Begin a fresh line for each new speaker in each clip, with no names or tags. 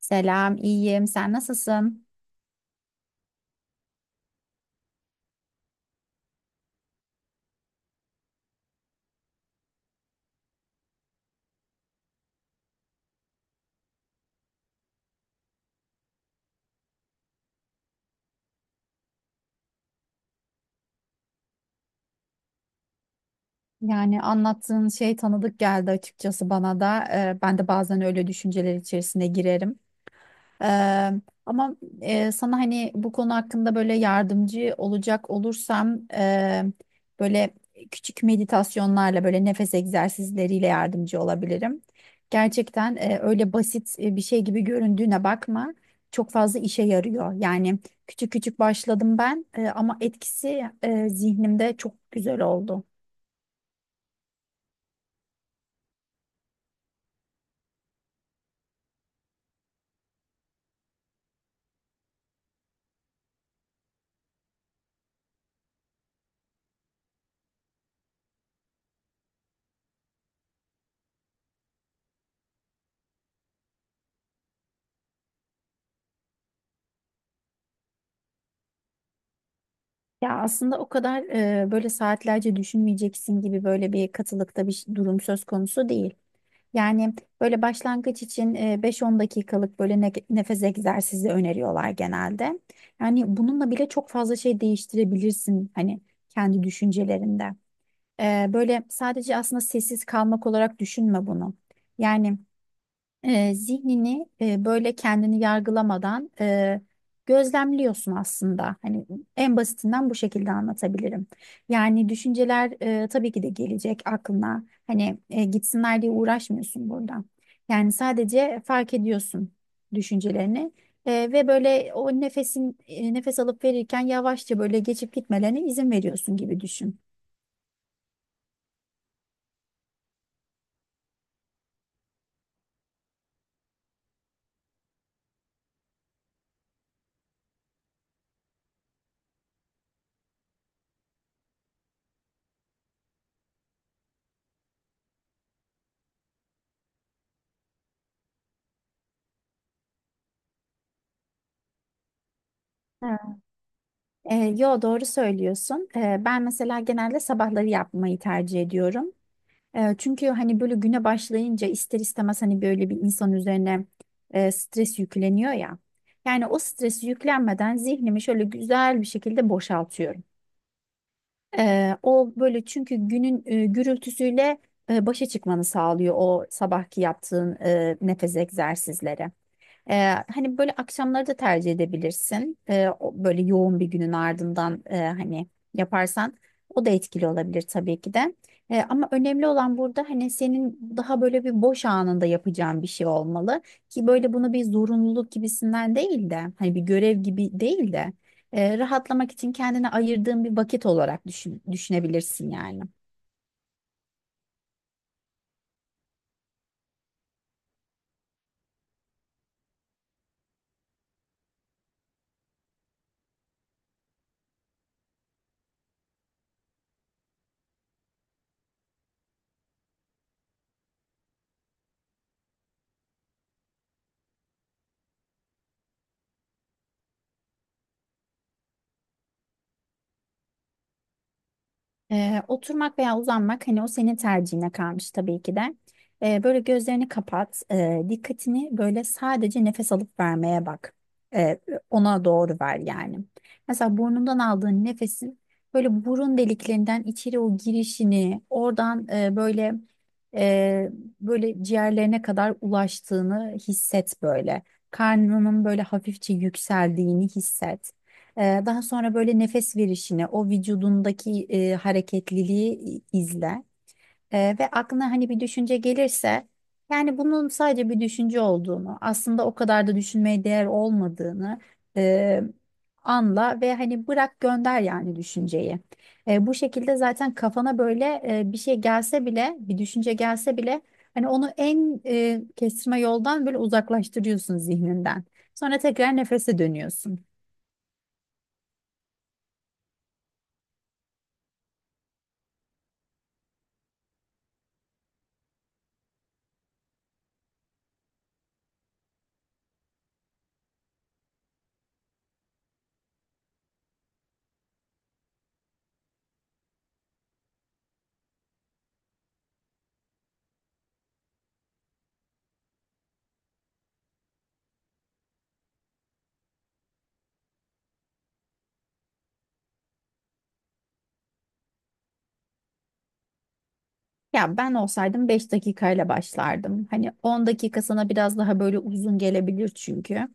Selam, iyiyim. Sen nasılsın? Yani anlattığın şey tanıdık geldi açıkçası bana da. Ben de bazen öyle düşünceler içerisine girerim. Eee, ama sana hani bu konu hakkında böyle yardımcı olacak olursam böyle küçük meditasyonlarla böyle nefes egzersizleriyle yardımcı olabilirim. Gerçekten öyle basit bir şey gibi göründüğüne bakma. Çok fazla işe yarıyor. Yani küçük küçük başladım ben ama etkisi zihnimde çok güzel oldu. Ya aslında o kadar böyle saatlerce düşünmeyeceksin gibi böyle bir katılıkta durum söz konusu değil. Yani böyle başlangıç için 5-10 dakikalık böyle nefes egzersizi öneriyorlar genelde. Yani bununla bile çok fazla şey değiştirebilirsin hani kendi düşüncelerinde. Böyle sadece aslında sessiz kalmak olarak düşünme bunu. Yani zihnini böyle kendini yargılamadan gözlemliyorsun aslında. Hani en basitinden bu şekilde anlatabilirim. Yani düşünceler tabii ki de gelecek aklına. Hani gitsinler diye uğraşmıyorsun burada. Yani sadece fark ediyorsun düşüncelerini. Ve böyle o nefesin nefes alıp verirken yavaşça böyle geçip gitmelerine izin veriyorsun gibi düşün. Evet. Yo, doğru söylüyorsun. Ben mesela genelde sabahları yapmayı tercih ediyorum. Çünkü hani böyle güne başlayınca ister istemez hani böyle bir insan üzerine stres yükleniyor ya. Yani o stresi yüklenmeden zihnimi şöyle güzel bir şekilde boşaltıyorum. O böyle çünkü günün gürültüsüyle başa çıkmanı sağlıyor o sabahki yaptığın nefes egzersizleri. Hani böyle akşamları da tercih edebilirsin. Böyle yoğun bir günün ardından hani yaparsan o da etkili olabilir tabii ki de. Ama önemli olan burada hani senin daha böyle bir boş anında yapacağın bir şey olmalı ki böyle bunu bir zorunluluk gibisinden değil de hani bir görev gibi değil de rahatlamak için kendine ayırdığın bir vakit olarak düşünebilirsin yani. Oturmak veya uzanmak hani o senin tercihine kalmış tabii ki de. Böyle gözlerini kapat, dikkatini böyle sadece nefes alıp vermeye bak. Ee, ona doğru ver yani. Mesela burnundan aldığın nefesin böyle burun deliklerinden içeri o girişini, oradan e, böyle ciğerlerine kadar ulaştığını hisset böyle. Karnının böyle hafifçe yükseldiğini hisset. Daha sonra böyle nefes verişini, o vücudundaki hareketliliği izle. Ve aklına hani bir düşünce gelirse yani bunun sadece bir düşünce olduğunu, aslında o kadar da düşünmeye değer olmadığını e, anla ve hani bırak gönder yani düşünceyi. Bu şekilde zaten kafana böyle bir şey gelse bile, bir düşünce gelse bile hani onu en kestirme yoldan böyle uzaklaştırıyorsun zihninden. Sonra tekrar nefese dönüyorsun. Ya ben olsaydım 5 dakikayla başlardım. Hani 10 dakika sana biraz daha böyle uzun gelebilir çünkü.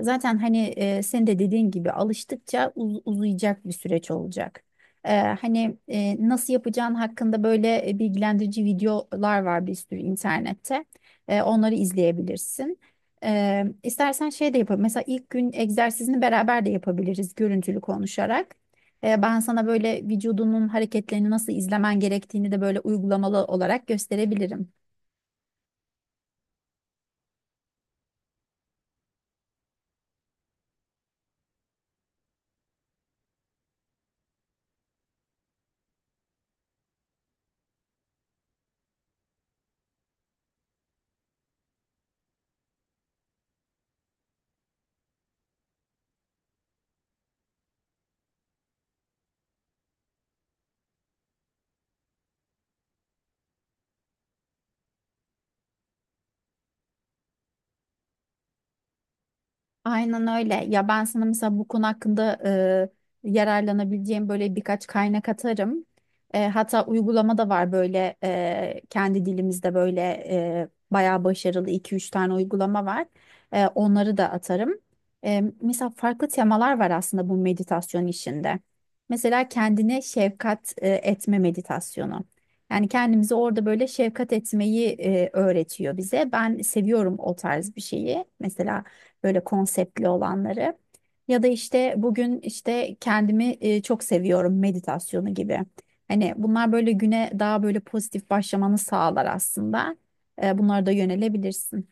Zaten hani sen de dediğin gibi alıştıkça uzayacak bir süreç olacak. Hani nasıl yapacağın hakkında böyle bilgilendirici videolar var bir sürü internette. Onları izleyebilirsin. E, istersen şey de yapalım. Mesela ilk gün egzersizini beraber de yapabiliriz görüntülü konuşarak. Ben sana böyle vücudunun hareketlerini nasıl izlemen gerektiğini de böyle uygulamalı olarak gösterebilirim. Aynen öyle. Ya ben sana mesela bu konu hakkında yararlanabileceğim böyle birkaç kaynak atarım. Hatta uygulama da var böyle kendi dilimizde böyle bayağı başarılı 2-3 tane uygulama var. Onları da atarım. Mesela farklı temalar var aslında bu meditasyon işinde. Mesela kendine şefkat etme meditasyonu. Yani kendimizi orada böyle şefkat etmeyi öğretiyor bize. Ben seviyorum o tarz bir şeyi. Mesela böyle konseptli olanları. Ya da işte bugün işte kendimi çok seviyorum meditasyonu gibi. Hani bunlar böyle güne daha böyle pozitif başlamanı sağlar aslında. Bunlara da yönelebilirsin.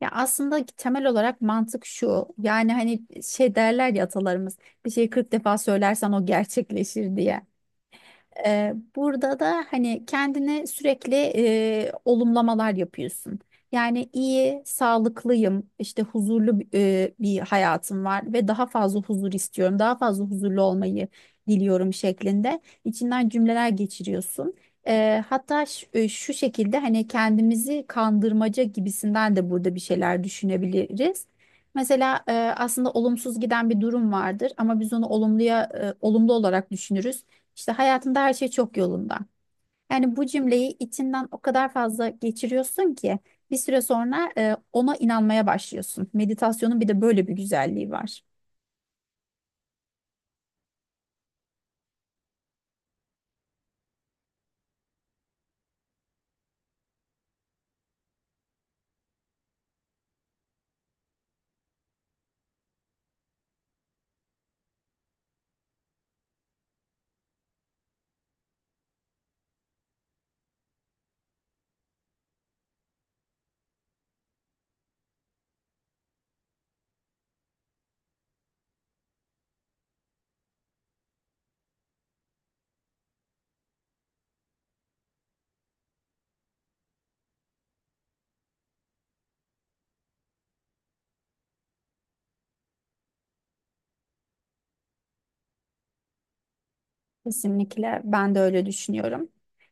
Ya aslında temel olarak mantık şu. Yani hani şey derler ya atalarımız bir şeyi 40 defa söylersen o gerçekleşir diye. Burada da hani kendine sürekli olumlamalar yapıyorsun. Yani iyi, sağlıklıyım, işte huzurlu bir hayatım var ve daha fazla huzur istiyorum, daha fazla huzurlu olmayı diliyorum şeklinde içinden cümleler geçiriyorsun. Hatta şu şekilde hani kendimizi kandırmaca gibisinden de burada bir şeyler düşünebiliriz. Mesela aslında olumsuz giden bir durum vardır ama biz onu olumlu olarak düşünürüz. İşte hayatımda her şey çok yolunda. Yani bu cümleyi içinden o kadar fazla geçiriyorsun ki bir süre sonra ona inanmaya başlıyorsun. Meditasyonun bir de böyle bir güzelliği var. Kesinlikle ben de öyle düşünüyorum.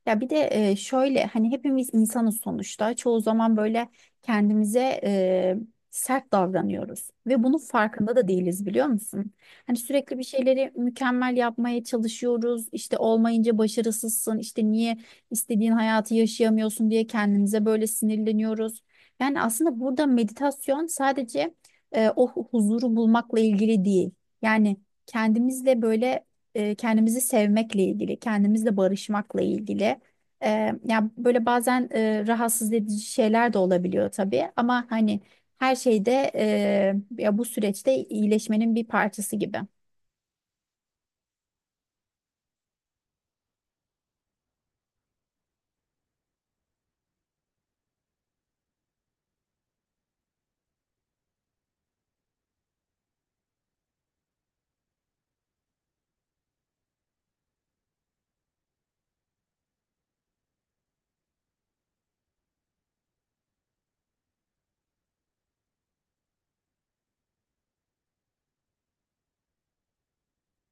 Ya bir de şöyle hani hepimiz insanız sonuçta. Çoğu zaman böyle kendimize sert davranıyoruz ve bunun farkında da değiliz biliyor musun? Hani sürekli bir şeyleri mükemmel yapmaya çalışıyoruz. İşte olmayınca başarısızsın. İşte niye istediğin hayatı yaşayamıyorsun diye kendimize böyle sinirleniyoruz. Yani aslında burada meditasyon sadece o huzuru bulmakla ilgili değil. Yani kendimizle böyle kendimizi sevmekle ilgili, kendimizle barışmakla ilgili. E, ya böyle bazen rahatsız edici şeyler de olabiliyor tabii ama hani her şeyde ya bu süreçte iyileşmenin bir parçası gibi.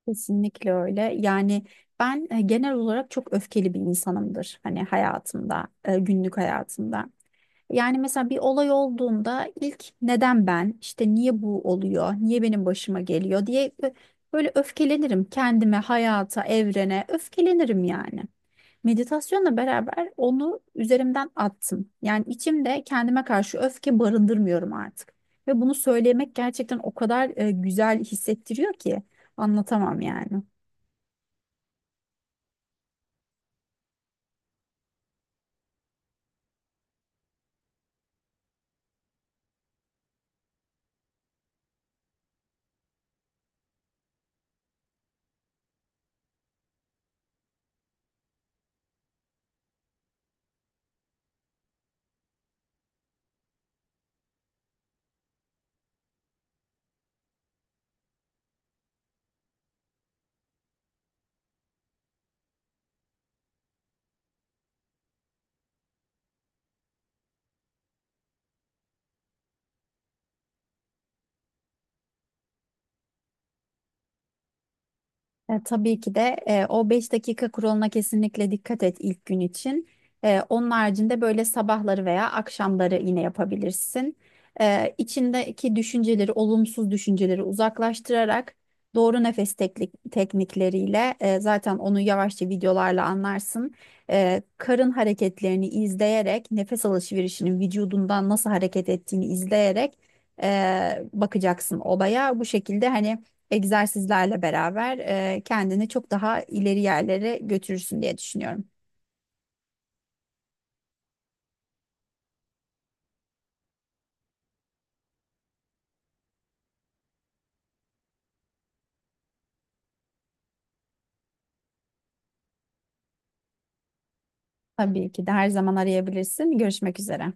Kesinlikle öyle. Yani ben genel olarak çok öfkeli bir insanımdır. Hani hayatımda, günlük hayatımda. Yani mesela bir olay olduğunda ilk neden ben, işte niye bu oluyor, niye benim başıma geliyor diye böyle öfkelenirim kendime, hayata, evrene öfkelenirim yani. Meditasyonla beraber onu üzerimden attım. Yani içimde kendime karşı öfke barındırmıyorum artık. Ve bunu söylemek gerçekten o kadar güzel hissettiriyor ki anlatamam yani. Tabii ki de o 5 dakika kuralına kesinlikle dikkat et ilk gün için. Onun haricinde böyle sabahları veya akşamları yine yapabilirsin. E, içindeki düşünceleri, olumsuz düşünceleri uzaklaştırarak doğru nefes teknikleriyle zaten onu yavaşça videolarla anlarsın. Karın hareketlerini izleyerek, nefes alışverişinin vücudundan nasıl hareket ettiğini izleyerek bakacaksın olaya. Bu şekilde hani egzersizlerle beraber kendini çok daha ileri yerlere götürürsün diye düşünüyorum. Tabii ki de her zaman arayabilirsin. Görüşmek üzere.